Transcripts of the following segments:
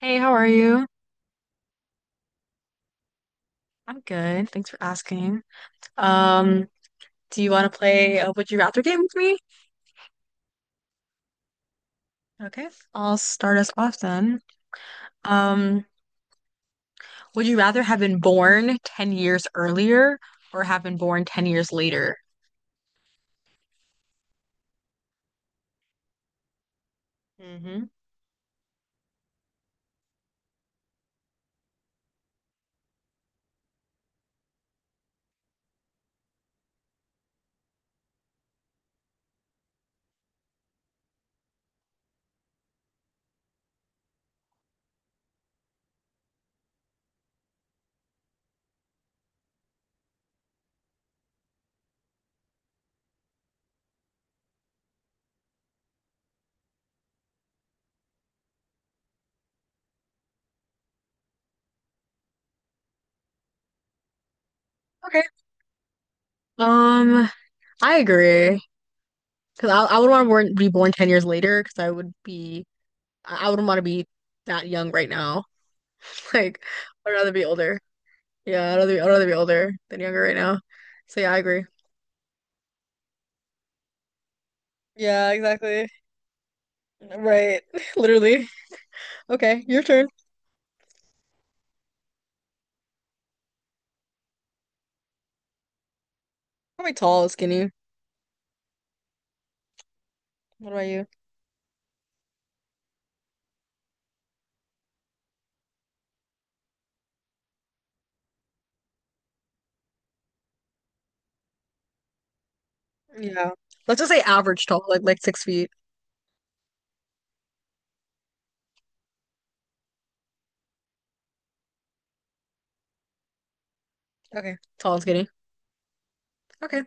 Hey, how are you? I'm good. Thanks for asking. Um, do you want to play a Would You Rather game with me? Okay, I'll start us off then. Um, would you rather have been born 10 years earlier or have been born 10 years later? hmm Okay. Um, I agree. Because I would want to be born 10 years later because I wouldn't want to be that young right now. Like, I'd rather be older. Yeah, I'd rather be older than younger right now. So yeah, I agree. Yeah, exactly. Right. Literally. Okay, your turn. Probably tall, skinny. What about you? Yeah. Let's just say average tall, like 6 feet. Okay. Tall and skinny. Okay.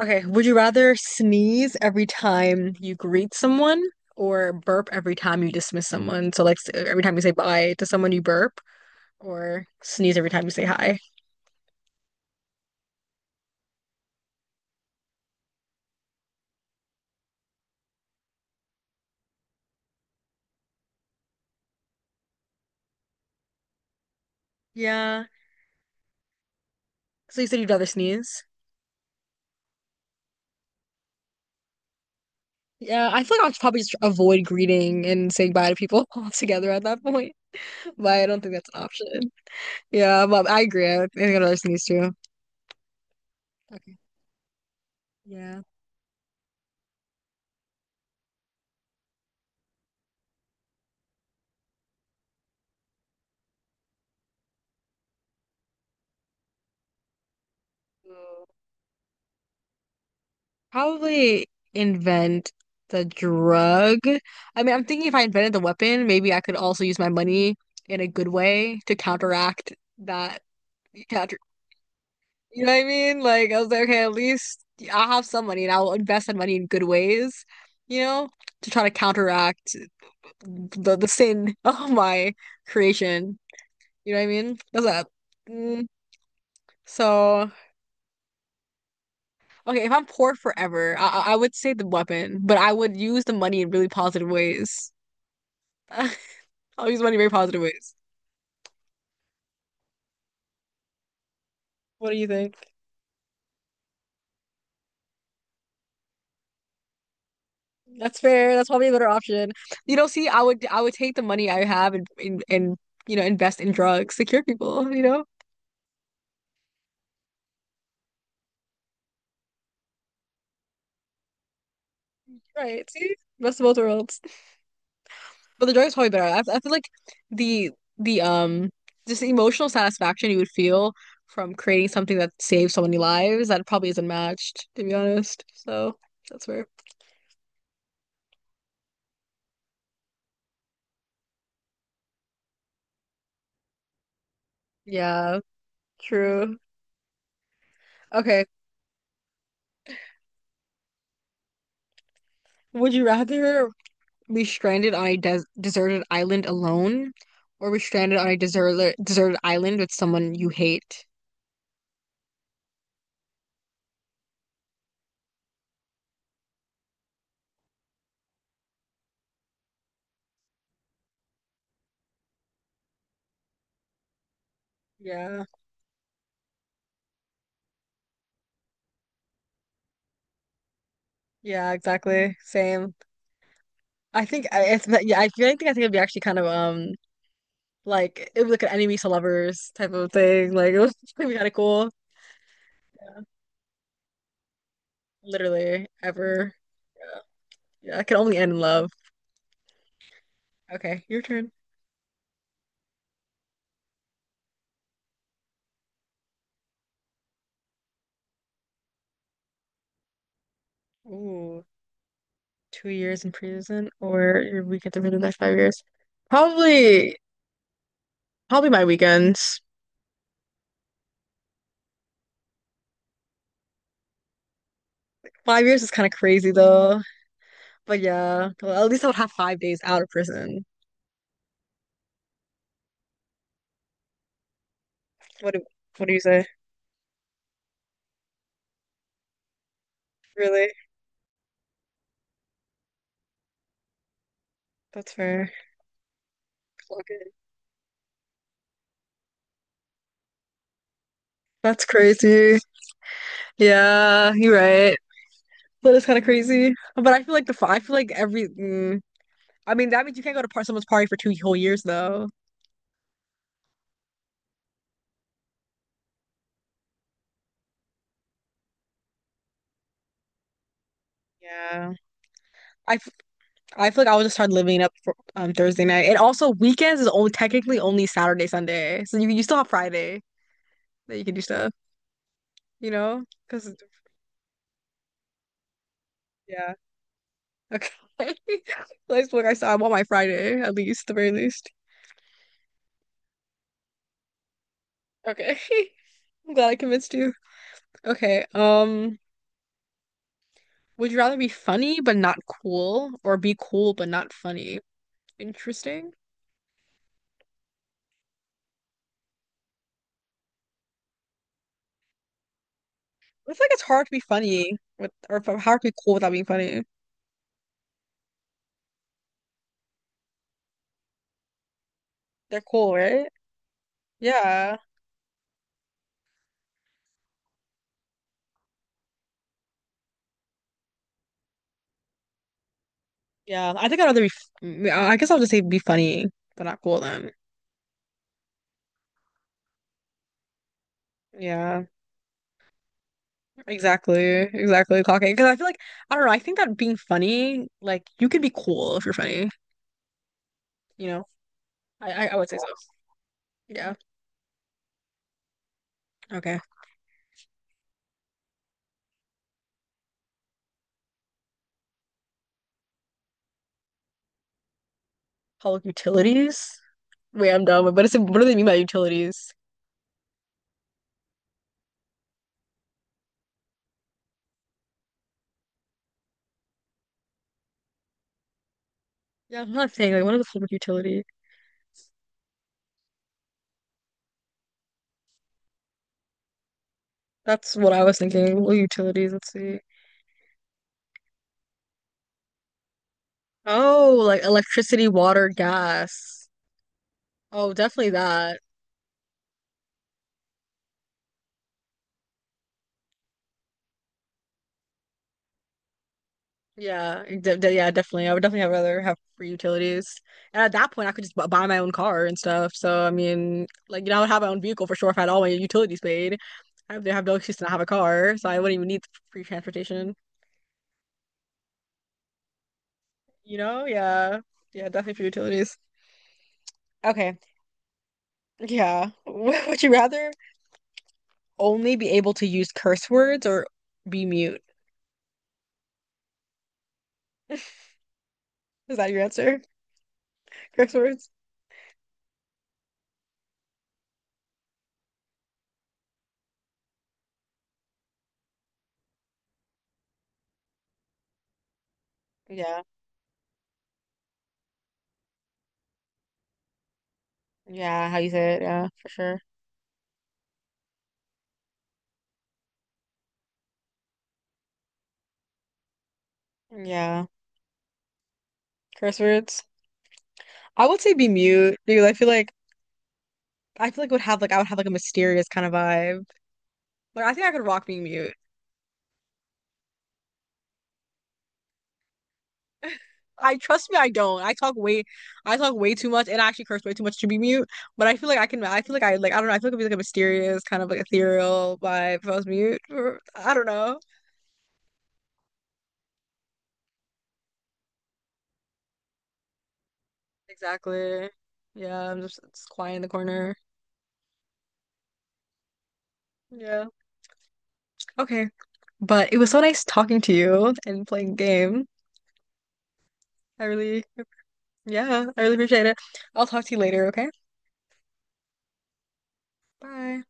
Okay. Would you rather sneeze every time you greet someone or burp every time you dismiss someone? So like every time you say bye to someone you burp or sneeze every time you say hi. Yeah. So you said you'd rather sneeze? Yeah, I feel like I'll probably just avoid greeting and saying bye to people altogether at that point. But I don't think that's an option. Yeah, but I agree. I think I'd rather sneeze too. Okay. Yeah. So, probably invent the drug. I mean, I'm thinking if I invented the weapon, maybe I could also use my money in a good way to counteract that counter. You know what I mean? Like I was like, okay, at least I'll have some money and I'll invest that money in good ways, you know, to try to counteract the sin of my creation. You know what I mean? That's that. Mm, so. Okay, if I'm poor forever, I would say the weapon, but I would use the money in really positive ways. I'll use money in very positive ways. What do you think? That's fair. That's probably a better option. You know, see, I would take the money I have and you know invest in drugs to cure people. You know, right? See, best of both worlds. But the drugs probably better. I feel like the the just the emotional satisfaction you would feel from creating something that saves so many lives that probably isn't matched, to be honest. So that's fair. Yeah, true. Okay. Would you rather be stranded on a deserted island alone or be stranded on a deserted island with someone you hate? Yeah, yeah, exactly. Same. I think I- it's yeah. I feel like I think it'd be actually kind of like it was like an enemies to lovers type of thing. Like it was gonna be kind of cool. Literally ever. Yeah, yeah. It can only end in love. Okay, your turn. Ooh. 2 years in prison or your weekend to the next 5 years. Probably, probably my weekends. 5 years is kind of crazy though. But yeah, well, at least I would have 5 days out of prison. What do, what do you say? Really? That's fair. Clock in. That's crazy. Yeah, you're right. That is kind of crazy. But I feel like the fi- I feel like every. Mm, I mean, that means you can't go to par someone's party for two whole years though. Yeah. I I feel like I will just start living it up for Thursday night. And also weekends is only technically only Saturday, Sunday. So you still have Friday that you can do stuff, you know? Because yeah. Okay. That's what I saw. I want my Friday, at least, the very least. Okay. I'm glad I convinced you. Okay. Would you rather be funny but not cool or be cool but not funny? Interesting. I feel like it's hard to be funny with or f- hard to be cool without being funny. They're cool, right? Yeah. Yeah, I think I'd rather be. I guess I'll just say be funny, but not cool then. Yeah, exactly. Clocking because I feel like I don't know. I think that being funny, like you can be cool if you're funny. You know, I would say so. Yeah. Okay. Public utilities. Wait, I'm dumb. But it's What do they mean by utilities? Yeah, I'm not saying like what is a public utility? That's what I was thinking. What utilities? Let's see. Oh, like electricity, water, gas. Oh, definitely that. Yeah, definitely. I would definitely have rather have free utilities. And at that point, I could just buy my own car and stuff. So I mean, like you know, I would have my own vehicle for sure if I had all my utilities paid. I would have no excuse to not have a car, so I wouldn't even need free transportation. You know? Yeah, yeah, definitely for utilities. Okay, yeah. Would you rather only be able to use curse words or be mute? Is that your answer? Curse words? Yeah, yeah. How you say it? Yeah, for sure. Yeah, curse words. I would say be mute, dude. I feel like would have like I would have like a mysterious kind of vibe. Like I think I could rock being mute. I Trust me, I don't. I talk way too much, and I actually curse way too much to be mute. But I feel like I can. I feel like. I don't know. I feel like it'd be like a mysterious kind of like ethereal vibe if I was mute. Or, I don't know exactly. Yeah, just quiet in the corner. Yeah. Okay. But it was so nice talking to you and playing game. I really, yeah, I really appreciate it. I'll talk to you later. Okay. Bye.